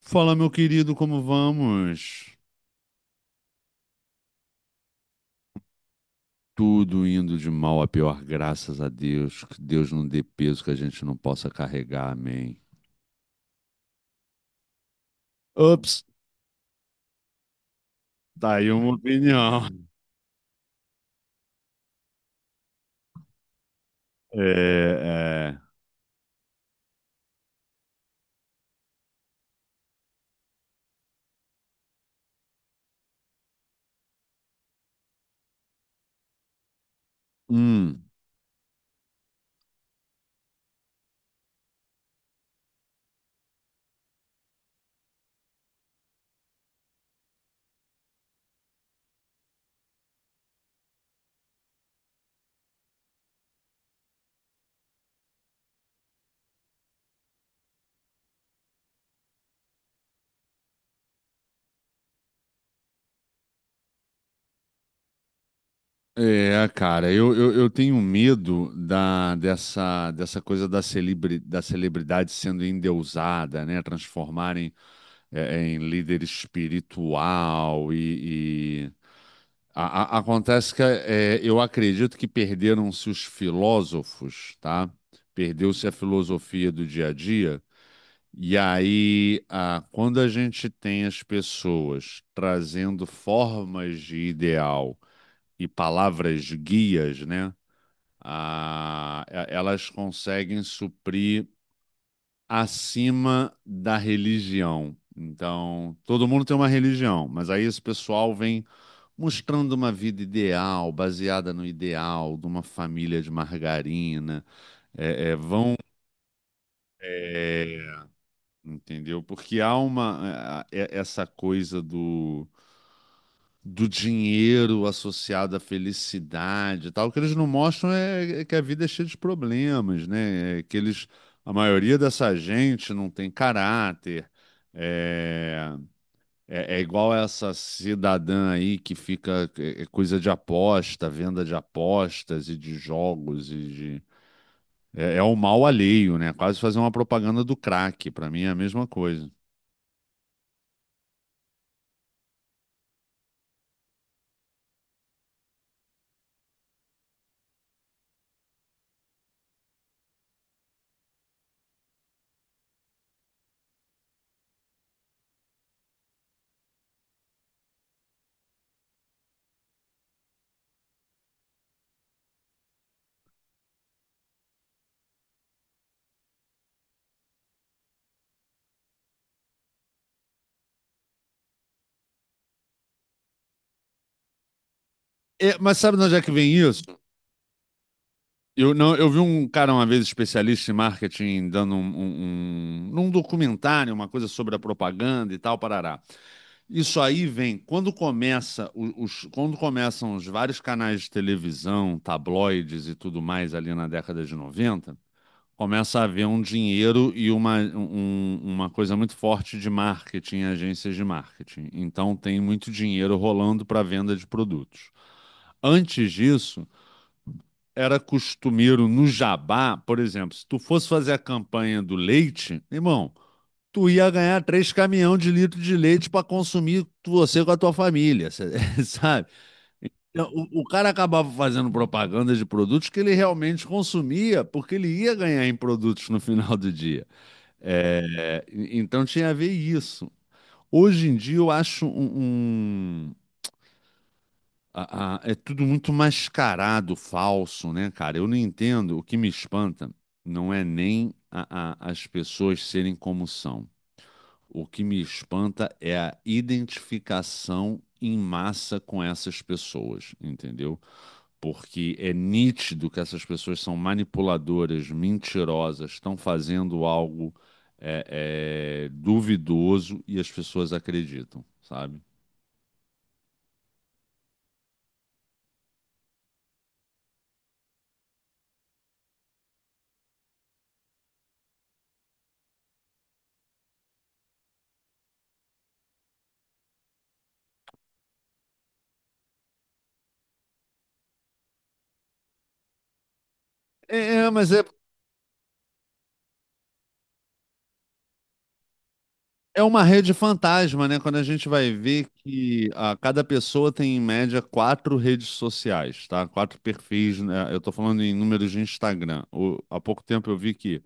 Fala, meu querido, como vamos? Tudo indo de mal a pior, graças a Deus. Que Deus não dê peso que a gente não possa carregar, amém. Ups, tá aí uma opinião. É, é. Hum, cara, eu tenho medo dessa coisa da celebridade sendo endeusada, né? Transformarem em líder espiritual. E- A- a- acontece que eu acredito que perderam-se os filósofos, tá? Perdeu-se a filosofia do dia a dia. E aí, quando a gente tem as pessoas trazendo formas de ideal e palavras guias, né? Elas conseguem suprir acima da religião. Então, todo mundo tem uma religião, mas aí esse pessoal vem mostrando uma vida ideal, baseada no ideal de uma família de margarina. É, é, vão. é, entendeu? Porque há uma. Essa coisa do. Do dinheiro associado à felicidade e tal, o que eles não mostram é que a vida é cheia de problemas, né? É que eles, a maioria dessa gente não tem caráter. É, É, é igual essa cidadã aí que fica é coisa de aposta, venda de apostas e de jogos e de. É o mal alheio, né? Quase fazer uma propaganda do crack. Pra mim é a mesma coisa. É, mas sabe de onde é que vem isso? Eu, não, Eu vi um cara uma vez, especialista em marketing, dando num documentário, uma coisa sobre a propaganda e tal, parará. Isso aí vem quando começam os vários canais de televisão, tabloides e tudo mais ali na década de 90. Começa a haver um dinheiro e uma coisa muito forte de marketing, agências de marketing. Então tem muito dinheiro rolando para venda de produtos. Antes disso, era costumeiro no jabá. Por exemplo, se tu fosse fazer a campanha do leite, irmão, tu ia ganhar três caminhão de litro de leite para consumir você com a tua família, sabe? Então, o cara acabava fazendo propaganda de produtos que ele realmente consumia, porque ele ia ganhar em produtos no final do dia. É, então tinha a ver isso. Hoje em dia eu acho é tudo muito mascarado, falso, né, cara? Eu não entendo. O que me espanta não é nem as pessoas serem como são. O que me espanta é a identificação em massa com essas pessoas, entendeu? Porque é nítido que essas pessoas são manipuladoras, mentirosas, estão fazendo algo duvidoso, e as pessoas acreditam, sabe? É, é, mas é, É uma rede fantasma, né? Quando a gente vai ver que cada pessoa tem, em média, quatro redes sociais, tá? Quatro perfis, né? Eu tô falando em números de Instagram. Há pouco tempo eu vi que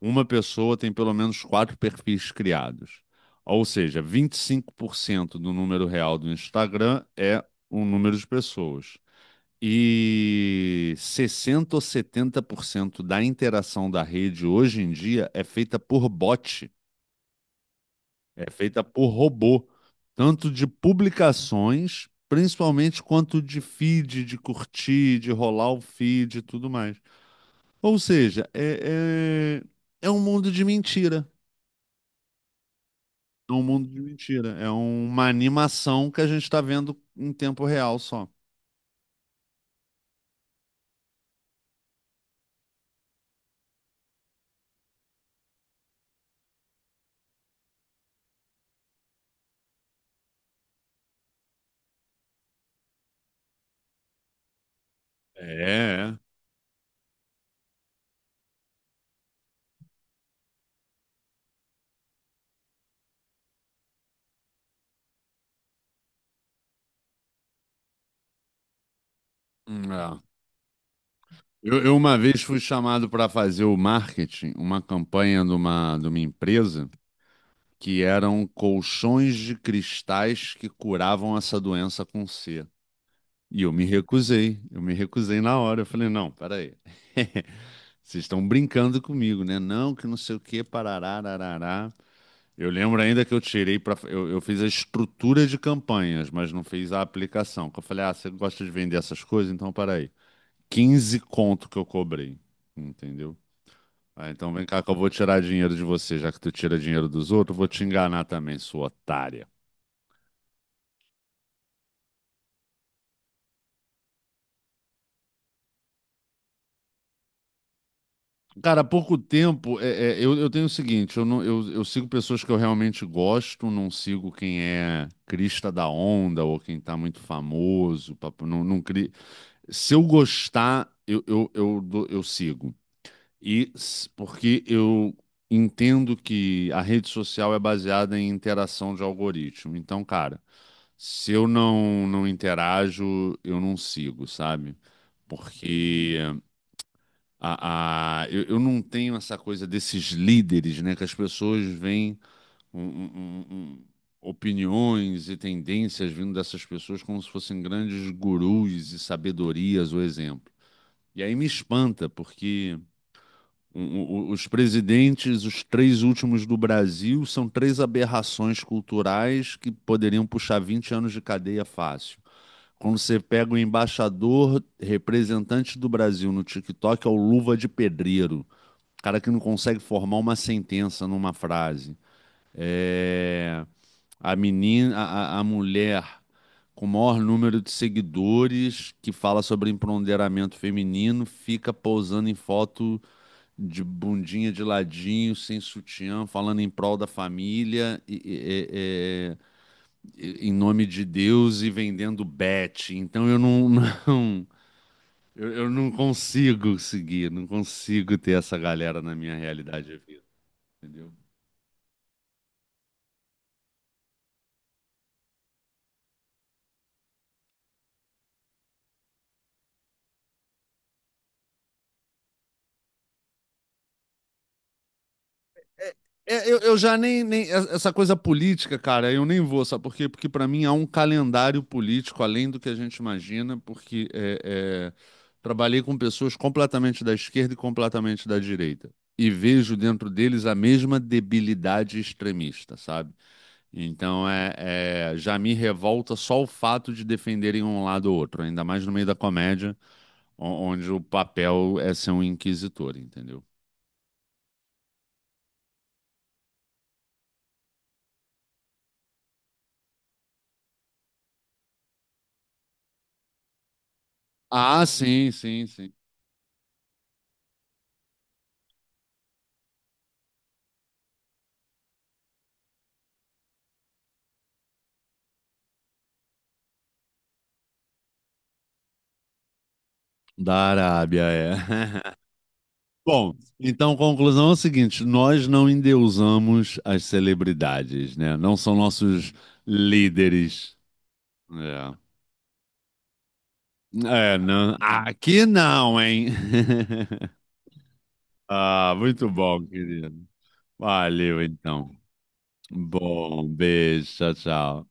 uma pessoa tem pelo menos quatro perfis criados. Ou seja, 25% do número real do Instagram é o número de pessoas. E 60 ou 70% da interação da rede hoje em dia é feita por bot, é feita por robô, tanto de publicações, principalmente, quanto de feed, de curtir, de rolar o feed e tudo mais. Ou seja, é um mundo de mentira. É um mundo de mentira. É uma animação que a gente está vendo em tempo real só. É, é. É. Eu uma vez fui chamado para fazer o marketing, uma campanha de uma empresa que eram colchões de cristais que curavam essa doença com C. E eu me recusei na hora. Eu falei, não, peraí. Vocês estão brincando comigo, né? Não, que não sei o que, parará, arará. Eu lembro ainda que eu tirei para eu fiz a estrutura de campanhas, mas não fiz a aplicação. Que eu falei, ah, você gosta de vender essas coisas? Então, peraí. 15 conto que eu cobrei, entendeu? Ah, então vem cá que eu vou tirar dinheiro de você, já que tu tira dinheiro dos outros, eu vou te enganar também, sua otária. Cara, há pouco tempo, eu tenho o seguinte: eu, não, eu sigo pessoas que eu realmente gosto, não sigo quem é crista da onda ou quem tá muito famoso, não, não cri... Se eu gostar, eu sigo. Porque eu entendo que a rede social é baseada em interação de algoritmo. Então, cara, se eu não interajo, eu não sigo, sabe? Porque eu não tenho essa coisa desses líderes, né? Que as pessoas veem um- um- um- um- opiniões e tendências vindo dessas pessoas como se fossem grandes gurus e sabedorias ou exemplo. E aí me espanta, porque os presidentes, os três últimos do Brasil, são três aberrações culturais que poderiam puxar 20 anos de cadeia fácil. Quando você pega o embaixador representante do Brasil no TikTok, é o Luva de Pedreiro, cara que não consegue formar uma sentença numa frase. É, a menina, a mulher com o maior número de seguidores, que fala sobre empoderamento feminino, fica pousando em foto de bundinha de ladinho, sem sutiã, falando em prol da família, em nome de Deus, e vendendo bet. Então eu não, eu não consigo seguir, não consigo ter essa galera na minha realidade de vida. Entendeu? É, eu já nem, nem. Essa coisa política, cara, eu nem vou, sabe por quê? Porque para mim há um calendário político além do que a gente imagina, porque trabalhei com pessoas completamente da esquerda e completamente da direita. E vejo dentro deles a mesma debilidade extremista, sabe? Então já me revolta só o fato de defenderem um lado ou outro, ainda mais no meio da comédia, onde o papel é ser um inquisitor, entendeu? Ah, sim, sim, sim. Da Arábia, é. Bom, então conclusão é o seguinte: nós não endeusamos as celebridades, né? Não são nossos líderes. É, é, não, aqui não, hein? Ah, muito bom, querido. Valeu, então. Bom, beijo, tchau, tchau.